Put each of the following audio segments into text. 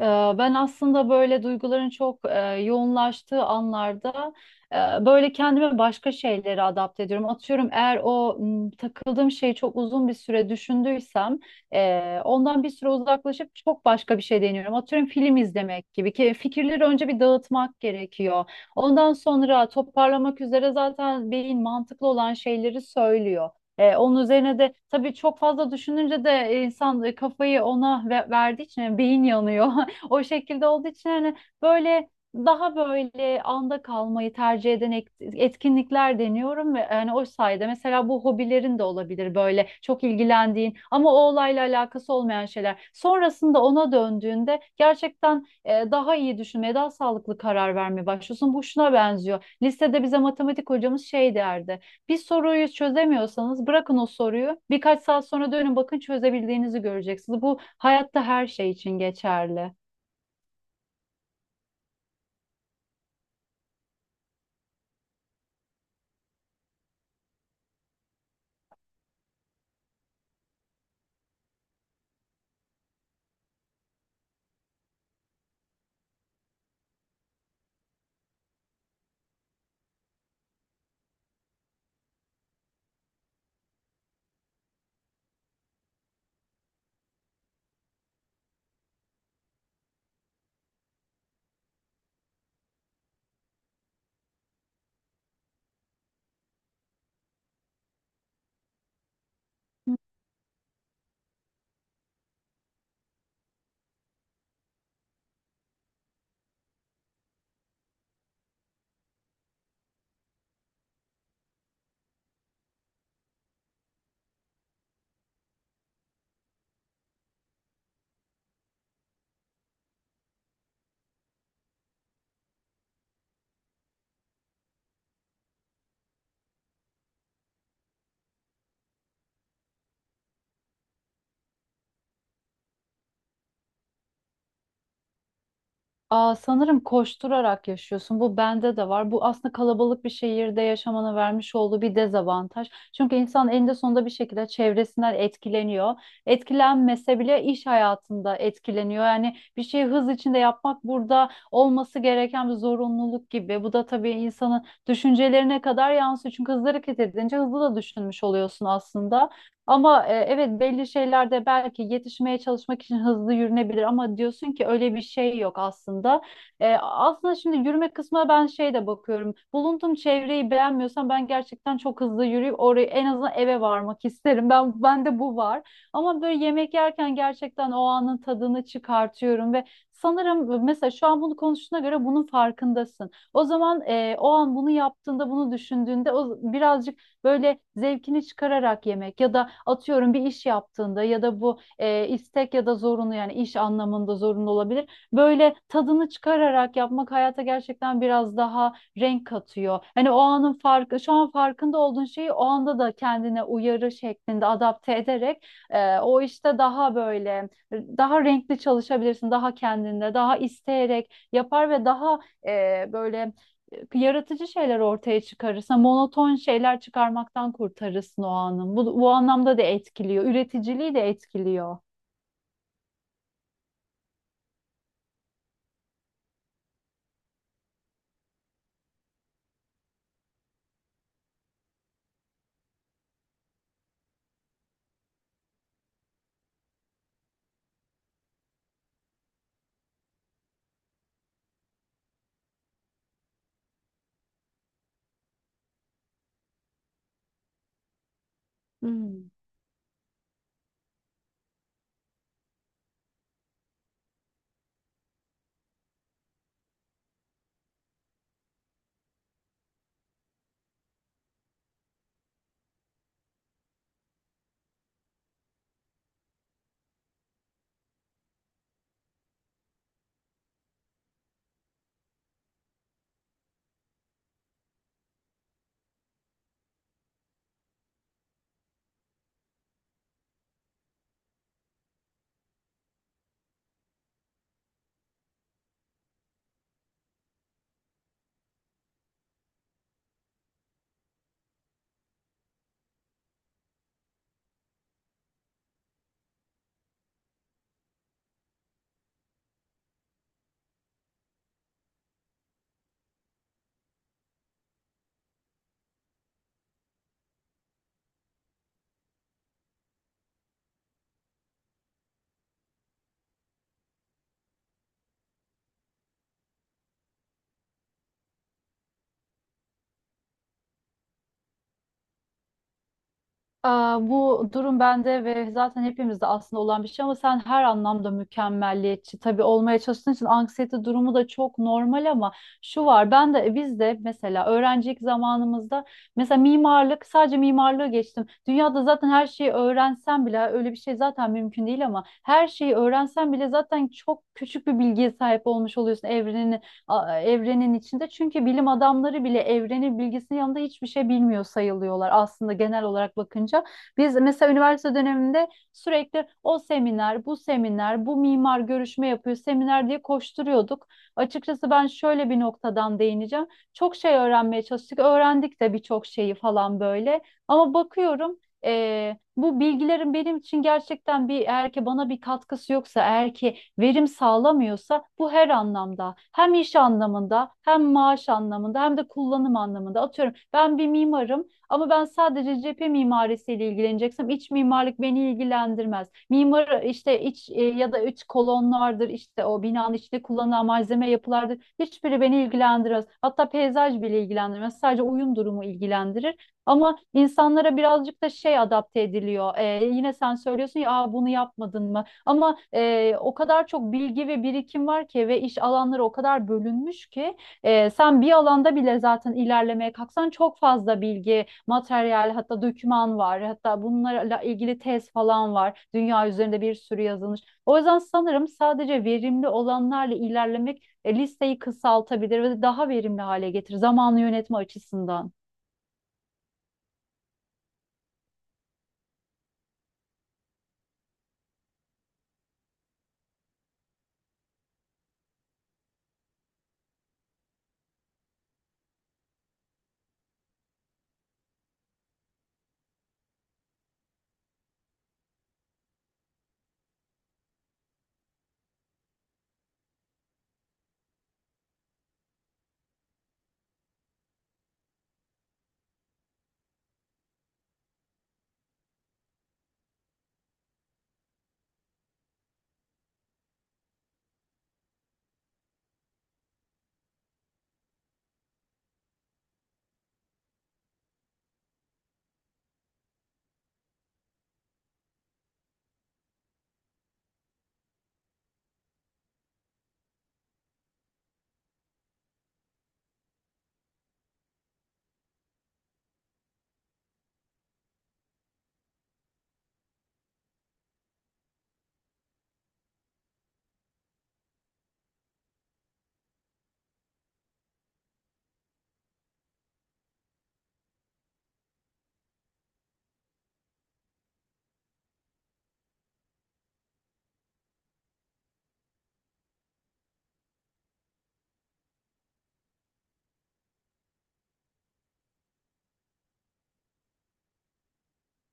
Ee, Ben aslında böyle duyguların çok yoğunlaştığı anlarda böyle kendimi başka şeylere adapte ediyorum. Atıyorum eğer o takıldığım şeyi çok uzun bir süre düşündüysem ondan bir süre uzaklaşıp çok başka bir şey deniyorum. Atıyorum film izlemek gibi ki fikirleri önce bir dağıtmak gerekiyor. Ondan sonra toparlamak üzere zaten beyin mantıklı olan şeyleri söylüyor. Onun üzerine de tabii çok fazla düşününce de insan kafayı ona verdiği için yani beyin yanıyor. O şekilde olduğu için hani böyle daha anda kalmayı tercih eden etkinlikler deniyorum ve yani o sayede mesela bu hobilerin de olabilir böyle çok ilgilendiğin ama o olayla alakası olmayan şeyler. Sonrasında ona döndüğünde gerçekten daha iyi düşünmeye, daha sağlıklı karar vermeye başlıyorsun. Bu şuna benziyor. Lisede bize matematik hocamız şey derdi. Bir soruyu çözemiyorsanız bırakın o soruyu. Birkaç saat sonra dönün bakın çözebildiğinizi göreceksiniz. Bu hayatta her şey için geçerli. Aa, sanırım koşturarak yaşıyorsun. Bu bende de var. Bu aslında kalabalık bir şehirde yaşamana vermiş olduğu bir dezavantaj. Çünkü insan eninde sonunda bir şekilde çevresinden etkileniyor. Etkilenmese bile iş hayatında etkileniyor. Yani bir şeyi hız içinde yapmak burada olması gereken bir zorunluluk gibi. Bu da tabii insanın düşüncelerine kadar yansıyor. Çünkü hızlı hareket edince hızlı da düşünmüş oluyorsun aslında. Ama evet belli şeylerde belki yetişmeye çalışmak için hızlı yürünebilir ama diyorsun ki öyle bir şey yok aslında. Aslında şimdi yürüme kısmına ben şey de bakıyorum. Bulunduğum çevreyi beğenmiyorsam ben gerçekten çok hızlı yürüyüp oraya en azından eve varmak isterim. Bende bu var. Ama böyle yemek yerken gerçekten o anın tadını çıkartıyorum ve sanırım mesela şu an bunu konuştuğuna göre bunun farkındasın. O zaman o an bunu yaptığında, bunu düşündüğünde o birazcık böyle zevkini çıkararak yemek ya da atıyorum bir iş yaptığında ya da bu istek ya da zorunlu yani iş anlamında zorunlu olabilir. Böyle tadını çıkararak yapmak hayata gerçekten biraz daha renk katıyor. Hani o anın farkı, şu an farkında olduğun şeyi o anda da kendine uyarı şeklinde adapte ederek o işte daha daha renkli çalışabilirsin, daha kendinde, daha isteyerek yapar ve daha e, böyle yaratıcı şeyler ortaya çıkarırsa monoton şeyler çıkarmaktan kurtarırsın o anın. Bu anlamda da etkiliyor. Üreticiliği de etkiliyor. Hmm. Aa, bu durum bende ve zaten hepimizde aslında olan bir şey ama sen her anlamda mükemmelliyetçi tabii olmaya çalıştığın için anksiyete durumu da çok normal ama şu var ben de biz de mesela öğrencilik zamanımızda mesela mimarlık sadece mimarlığı geçtim. Dünyada zaten her şeyi öğrensen bile öyle bir şey zaten mümkün değil ama her şeyi öğrensen bile zaten çok küçük bir bilgiye sahip olmuş oluyorsun evrenin evrenin içinde. Çünkü bilim adamları bile evrenin bilgisinin yanında hiçbir şey bilmiyor sayılıyorlar aslında genel olarak bakınca. Biz mesela üniversite döneminde sürekli o seminer, bu seminer, bu mimar görüşme yapıyor, seminer diye koşturuyorduk. Açıkçası ben şöyle bir noktadan değineceğim. Çok şey öğrenmeye çalıştık, öğrendik de birçok şeyi falan böyle. Ama bakıyorum bu bilgilerin benim için gerçekten bir eğer ki bana bir katkısı yoksa, eğer ki verim sağlamıyorsa bu her anlamda hem iş anlamında hem maaş anlamında hem de kullanım anlamında atıyorum ben bir mimarım ama ben sadece cephe mimarisiyle ilgileneceksem iç mimarlık beni ilgilendirmez. Mimar işte iç ya da iç kolonlardır işte o binanın içinde kullanılan malzeme yapılardır hiçbiri beni ilgilendirmez. Hatta peyzaj bile ilgilendirmez sadece uyum durumu ilgilendirir. Ama insanlara birazcık da şey adapte ediliyor. E, yine sen söylüyorsun ya, aa, bunu yapmadın mı? Ama o kadar çok bilgi ve birikim var ki ve iş alanları o kadar bölünmüş ki sen bir alanda bile zaten ilerlemeye kalksan çok fazla bilgi, materyal, hatta doküman var. Hatta bunlarla ilgili tez falan var. Dünya üzerinde bir sürü yazılmış. O yüzden sanırım sadece verimli olanlarla ilerlemek listeyi kısaltabilir ve daha verimli hale getirir zamanı yönetme açısından.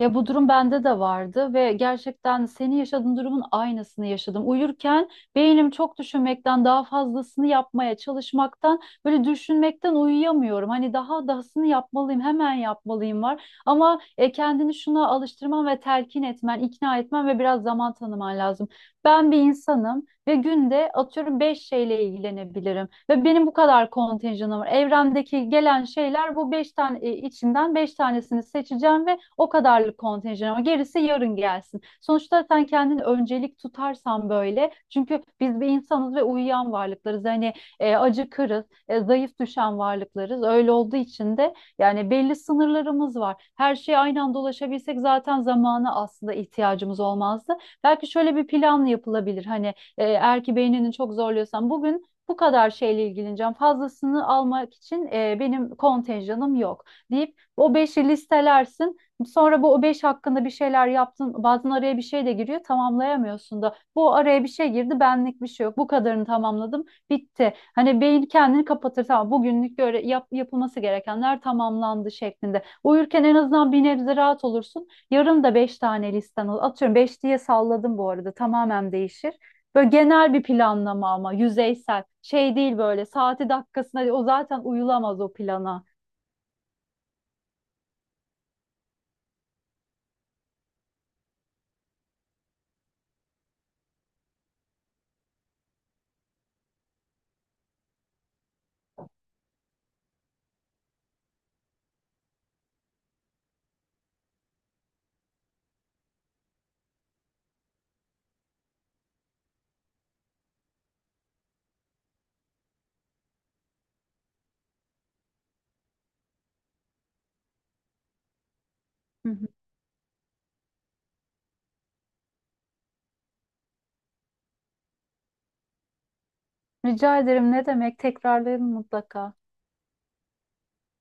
Ya bu durum bende de vardı ve gerçekten senin yaşadığın durumun aynısını yaşadım. Uyurken beynim çok düşünmekten daha fazlasını yapmaya çalışmaktan böyle düşünmekten uyuyamıyorum. Hani daha dahasını yapmalıyım, hemen yapmalıyım var. Ama kendini şuna alıştırman ve telkin etmen, ikna etmen ve biraz zaman tanıman lazım. Ben bir insanım ve günde atıyorum 5 şeyle ilgilenebilirim ve benim bu kadar kontenjanım var. Evrendeki gelen şeyler bu 5 tane içinden 5 tanesini seçeceğim ve o kadarlık kontenjan ama gerisi yarın gelsin. Sonuçta sen kendini öncelik tutarsan böyle çünkü biz bir insanız ve uyuyan varlıklarız. Hani acıkırız, zayıf düşen varlıklarız. Öyle olduğu için de yani belli sınırlarımız var. Her şeye aynı anda ulaşabilsek zaten zamana aslında ihtiyacımız olmazdı. Belki şöyle bir plan yapılabilir. Hani eğer ki beynini çok zorluyorsan bugün bu kadar şeyle ilgileneceğim. Fazlasını almak için benim kontenjanım yok deyip o beşi listelersin. Sonra bu o beş hakkında bir şeyler yaptın. Bazen araya bir şey de giriyor. Tamamlayamıyorsun da. Bu araya bir şey girdi. Benlik bir şey yok. Bu kadarını tamamladım. Bitti. Hani beyin kendini kapatır. Tamam bugünlük göre yapılması gerekenler tamamlandı şeklinde. Uyurken en azından bir nebze rahat olursun. Yarın da beş tane listen olur. Atıyorum beş diye salladım bu arada. Tamamen değişir. Böyle genel bir planlama ama yüzeysel. Şey değil böyle saati dakikasına o zaten uyulamaz o plana. Hı hı. Rica ederim ne demek tekrarlayalım mutlaka.